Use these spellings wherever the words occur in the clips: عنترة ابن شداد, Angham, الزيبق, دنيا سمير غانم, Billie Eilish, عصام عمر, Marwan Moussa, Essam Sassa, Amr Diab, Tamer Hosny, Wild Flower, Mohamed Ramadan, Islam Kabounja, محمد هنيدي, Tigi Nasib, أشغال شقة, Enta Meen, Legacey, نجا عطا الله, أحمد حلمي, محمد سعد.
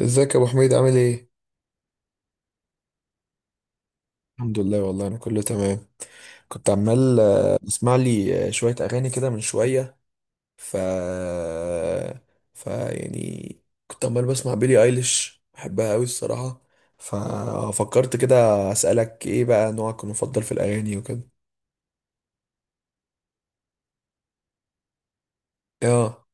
ازيك يا ابو حميد، عامل ايه؟ الحمد لله والله، انا كله تمام. كنت عمال اسمع لي شويه اغاني كده من شويه. ف ف يعني كنت عمال بسمع بيلي ايليش، بحبها قوي الصراحه. ففكرت كده اسالك ايه بقى نوعك المفضل في الاغاني وكده. اه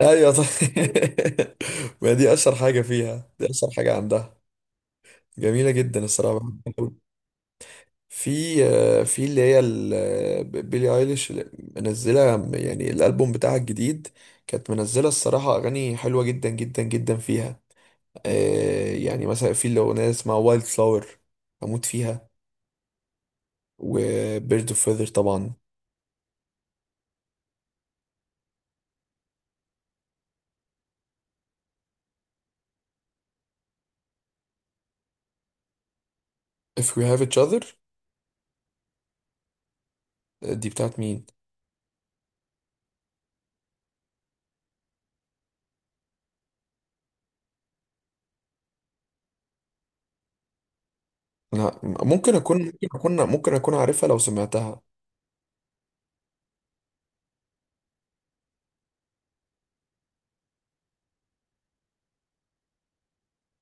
ايوه طيب. ما دي اشهر حاجه فيها، دي اشهر حاجه عندها. جميله جدا الصراحه. في اللي هي بيلي ايليش اللي منزله، يعني الالبوم بتاعها الجديد. كانت منزله الصراحه اغاني حلوه جدا جدا جدا فيها. يعني مثلا في الاغنيه اسمها وايلد فلاور. اموت فيها. وبيرد اوف فيذر طبعا. if we have each other. دي بتاعت مين؟ لا، ممكن اكون عارفها لو سمعتها.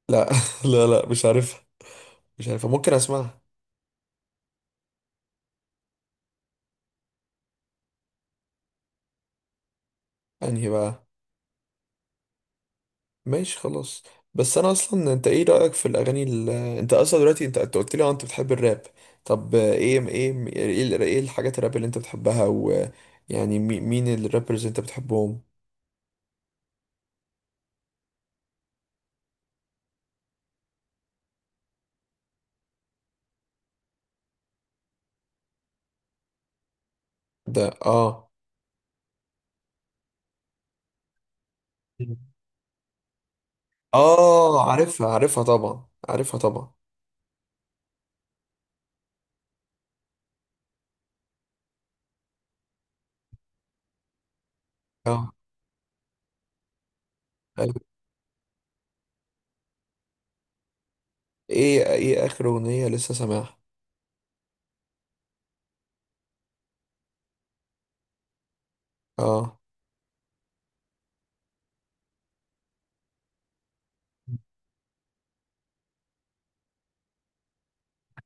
لا، لا لا مش عارفها. مش عارفها، ممكن اسمعها. انهي بقى؟ ماشي خلاص. بس انا اصلا، انت ايه رايك في الاغاني انت اصلا دلوقتي، انت قلت لي انت بتحب الراب. طب ايه إيه الحاجات الراب اللي انت بتحبها؟ ويعني مين الرابرز انت بتحبهم؟ ده اه. اه عارفها طبعا، عارفها طبعا. اه أيوة. ايه اخر اغنيه لسه سامعها؟ اه،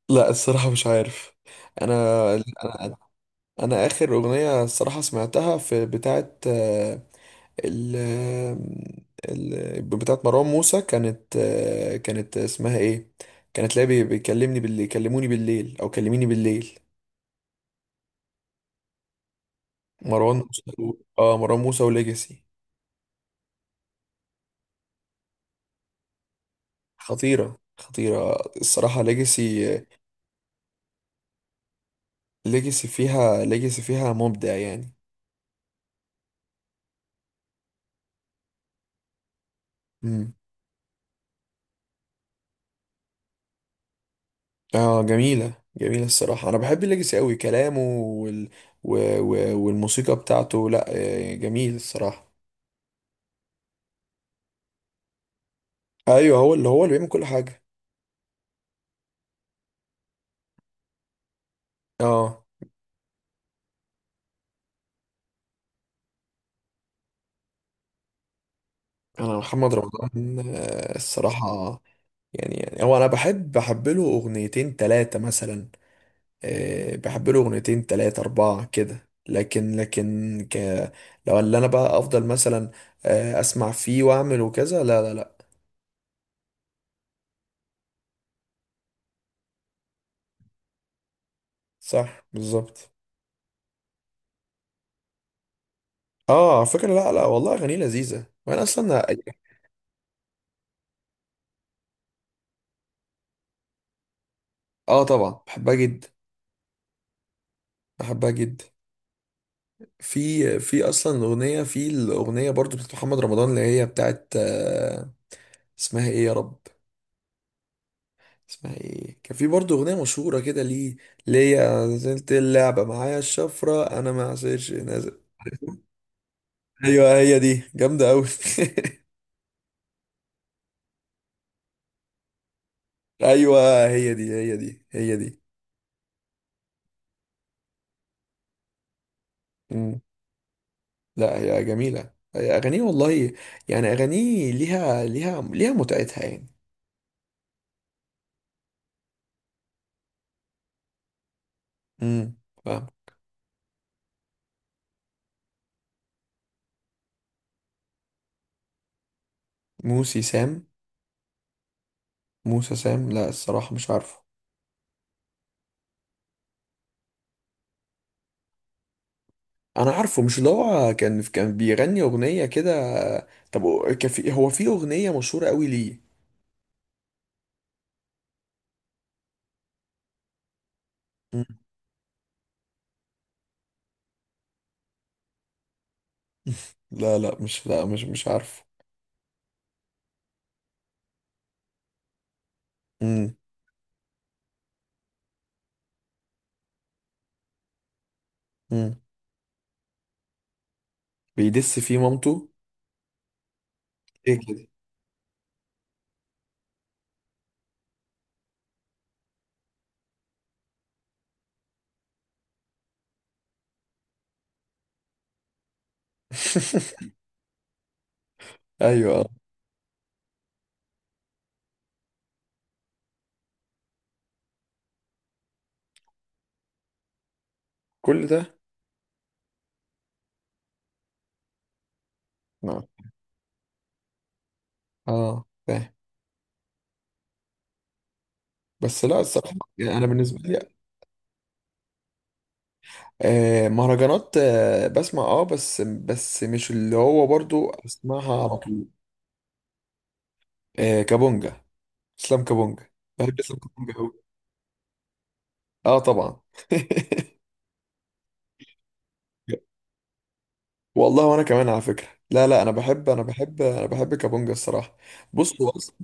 لا الصراحه مش عارف. انا، انا انا اخر اغنيه الصراحه سمعتها في بتاعه، ال ال بتاعه مروان موسى، كانت اسمها ايه؟ كانت، لا، بيكلمني بالليل، كلموني بالليل، او كلميني بالليل. مروان موسى مروان موسى وليجاسي. خطيره خطيره، الصراحه ليجاسي. ليجاسي فيها مبدع يعني. اه جميلة جميلة الصراحة، أنا بحب الليجاسي أوي، كلامه والموسيقى بتاعته، لأ جميل الصراحة. أيوه، هو اللي بيعمل كل حاجة. اه أنا محمد رمضان الصراحة. يعني هو أنا بحب له أغنيتين تلاتة مثلا. بحب له أغنيتين تلاتة أربعة كده، لكن لو اللي أنا بقى أفضل مثلا أسمع فيه وأعمل وكذا، لا لا لا. صح بالظبط. اه، على فكرة لا لا، والله أغانيه لذيذة وأنا أصلا. اه طبعا، بحبها جدا. بحبها جدا. في أصلا أغنية، في الأغنية برضو بتاعت محمد رمضان اللي هي بتاعت اسمها إيه يا رب؟ اسمها إيه؟ كان في برضو أغنية مشهورة كده ليه، ليا نزلت اللعبة معايا الشفرة أنا ما عسيرش نازل. أيوه هي دي جامدة أوي. أيوه، هي دي. لا هي جميلة، هي أغانيه والله. يعني أغانيه ليها متعتها يعني. امم، فاهم. موسي سام. موسى سام، لا الصراحة مش عارفه. أنا عارفه مش اللي هو كان بيغني أغنية كده. طب، هو في أغنية مشهورة قوي ليه؟ مم. لا لا، مش، لا، مش عارفه. امم امم بيدس فيه مامته. ايه كده؟ ايوه آه. كل ده؟ نعم. اه فاهم. بس لا الصراحة، يعني أنا بالنسبة لي مهرجانات، بسمع اه، بس مش اللي هو برضو اسمعها على طول. كابونجا، اسلام كابونجا. بحب اسلام كابونجا قوي. اه طبعا. والله وانا كمان على فكره لا لا، انا بحب انا بحب انا بحب كابونجا الصراحه. بص هو أصلاً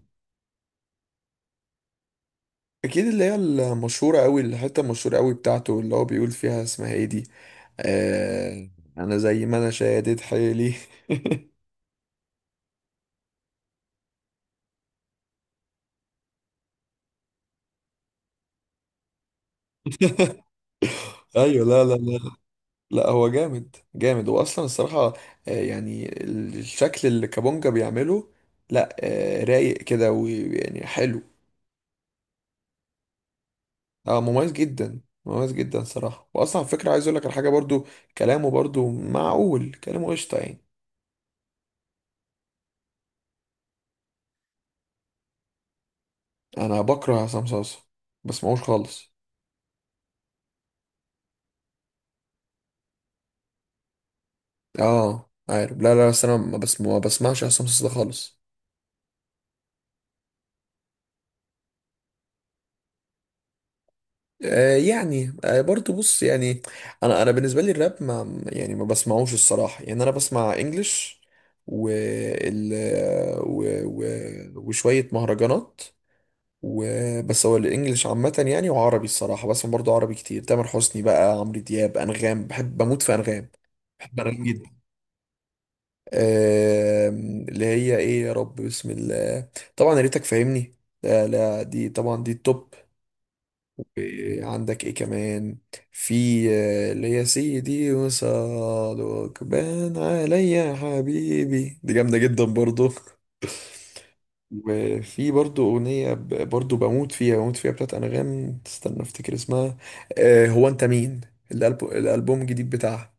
اكيد اللي هي المشهوره قوي، الحته المشهوره قوي بتاعته اللي هو بيقول فيها اسمها ايه دي؟ آه، انا زي ما انا شادد حيلي. ايوه، لا لا لا. لا هو جامد جامد، هو اصلا الصراحه يعني الشكل اللي كابونجا بيعمله، لا رايق كده ويعني حلو. اه مميز جدا، مميز جدا صراحه. واصلا على فكره عايز اقول لك على حاجه برضو، كلامه برضو معقول، كلامه قشطه يعني. انا بكره عصام صاصا، بسمعوش خالص. اه عارف، لا لا، بس انا ما بسمعش عصام صاصا ده خالص. يعني برضو بص يعني. انا بالنسبه لي الراب، ما بسمعوش الصراحه، يعني انا بسمع انجلش و ال و و وشويه مهرجانات وبس. هو الانجليش عامه يعني وعربي الصراحه، بسمع برضو عربي كتير، تامر حسني بقى، عمرو دياب، انغام، بحب بموت في انغام. بحب انغام جدا. اللي هي ايه يا رب، بسم الله طبعا يا ريتك فاهمني. لا لا، دي طبعا دي التوب. إيه، عندك ايه كمان؟ في اللي هي سيدي وصالوك بان عليا يا حبيبي، دي جامدة جدا برضو. وفي برضو أغنية برضو بموت فيها بتاعت أنغام، استنى أفتكر اسمها. آه، هو أنت مين. الألبوم الجديد بتاعها.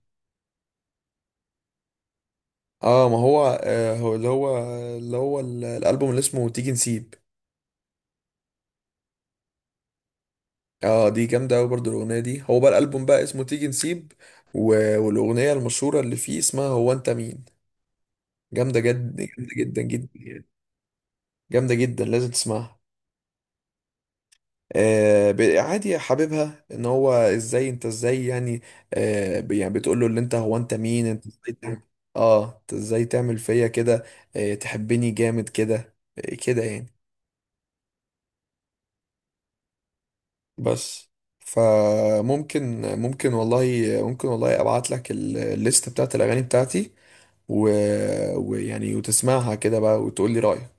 اه ما هو، هو اللي هو الألبوم اللي اسمه تيجي نسيب. اه دي جامدة أوي برضه الأغنية دي، هو بقى الألبوم بقى اسمه تيجي نسيب. والأغنية المشهورة اللي فيه اسمها هو أنت مين. جامدة جدا جدا يعني. جامدة جدا لازم تسمعها. عادي حبيبها، ان هو ازاي، انت ازاي يعني. يعني بتقول له اللي انت، هو انت مين، انت ازاي تعمل؟ اه، انت ازاي تعمل فيا كده، تحبني جامد كده، كده يعني. بس. فممكن ممكن والله ممكن والله ابعت لك الليست بتاعت الاغاني بتاعتي و... ويعني وتسمعها كده بقى وتقول لي رايك.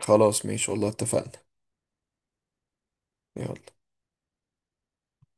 خلاص ماشي والله اتفقنا. يلا.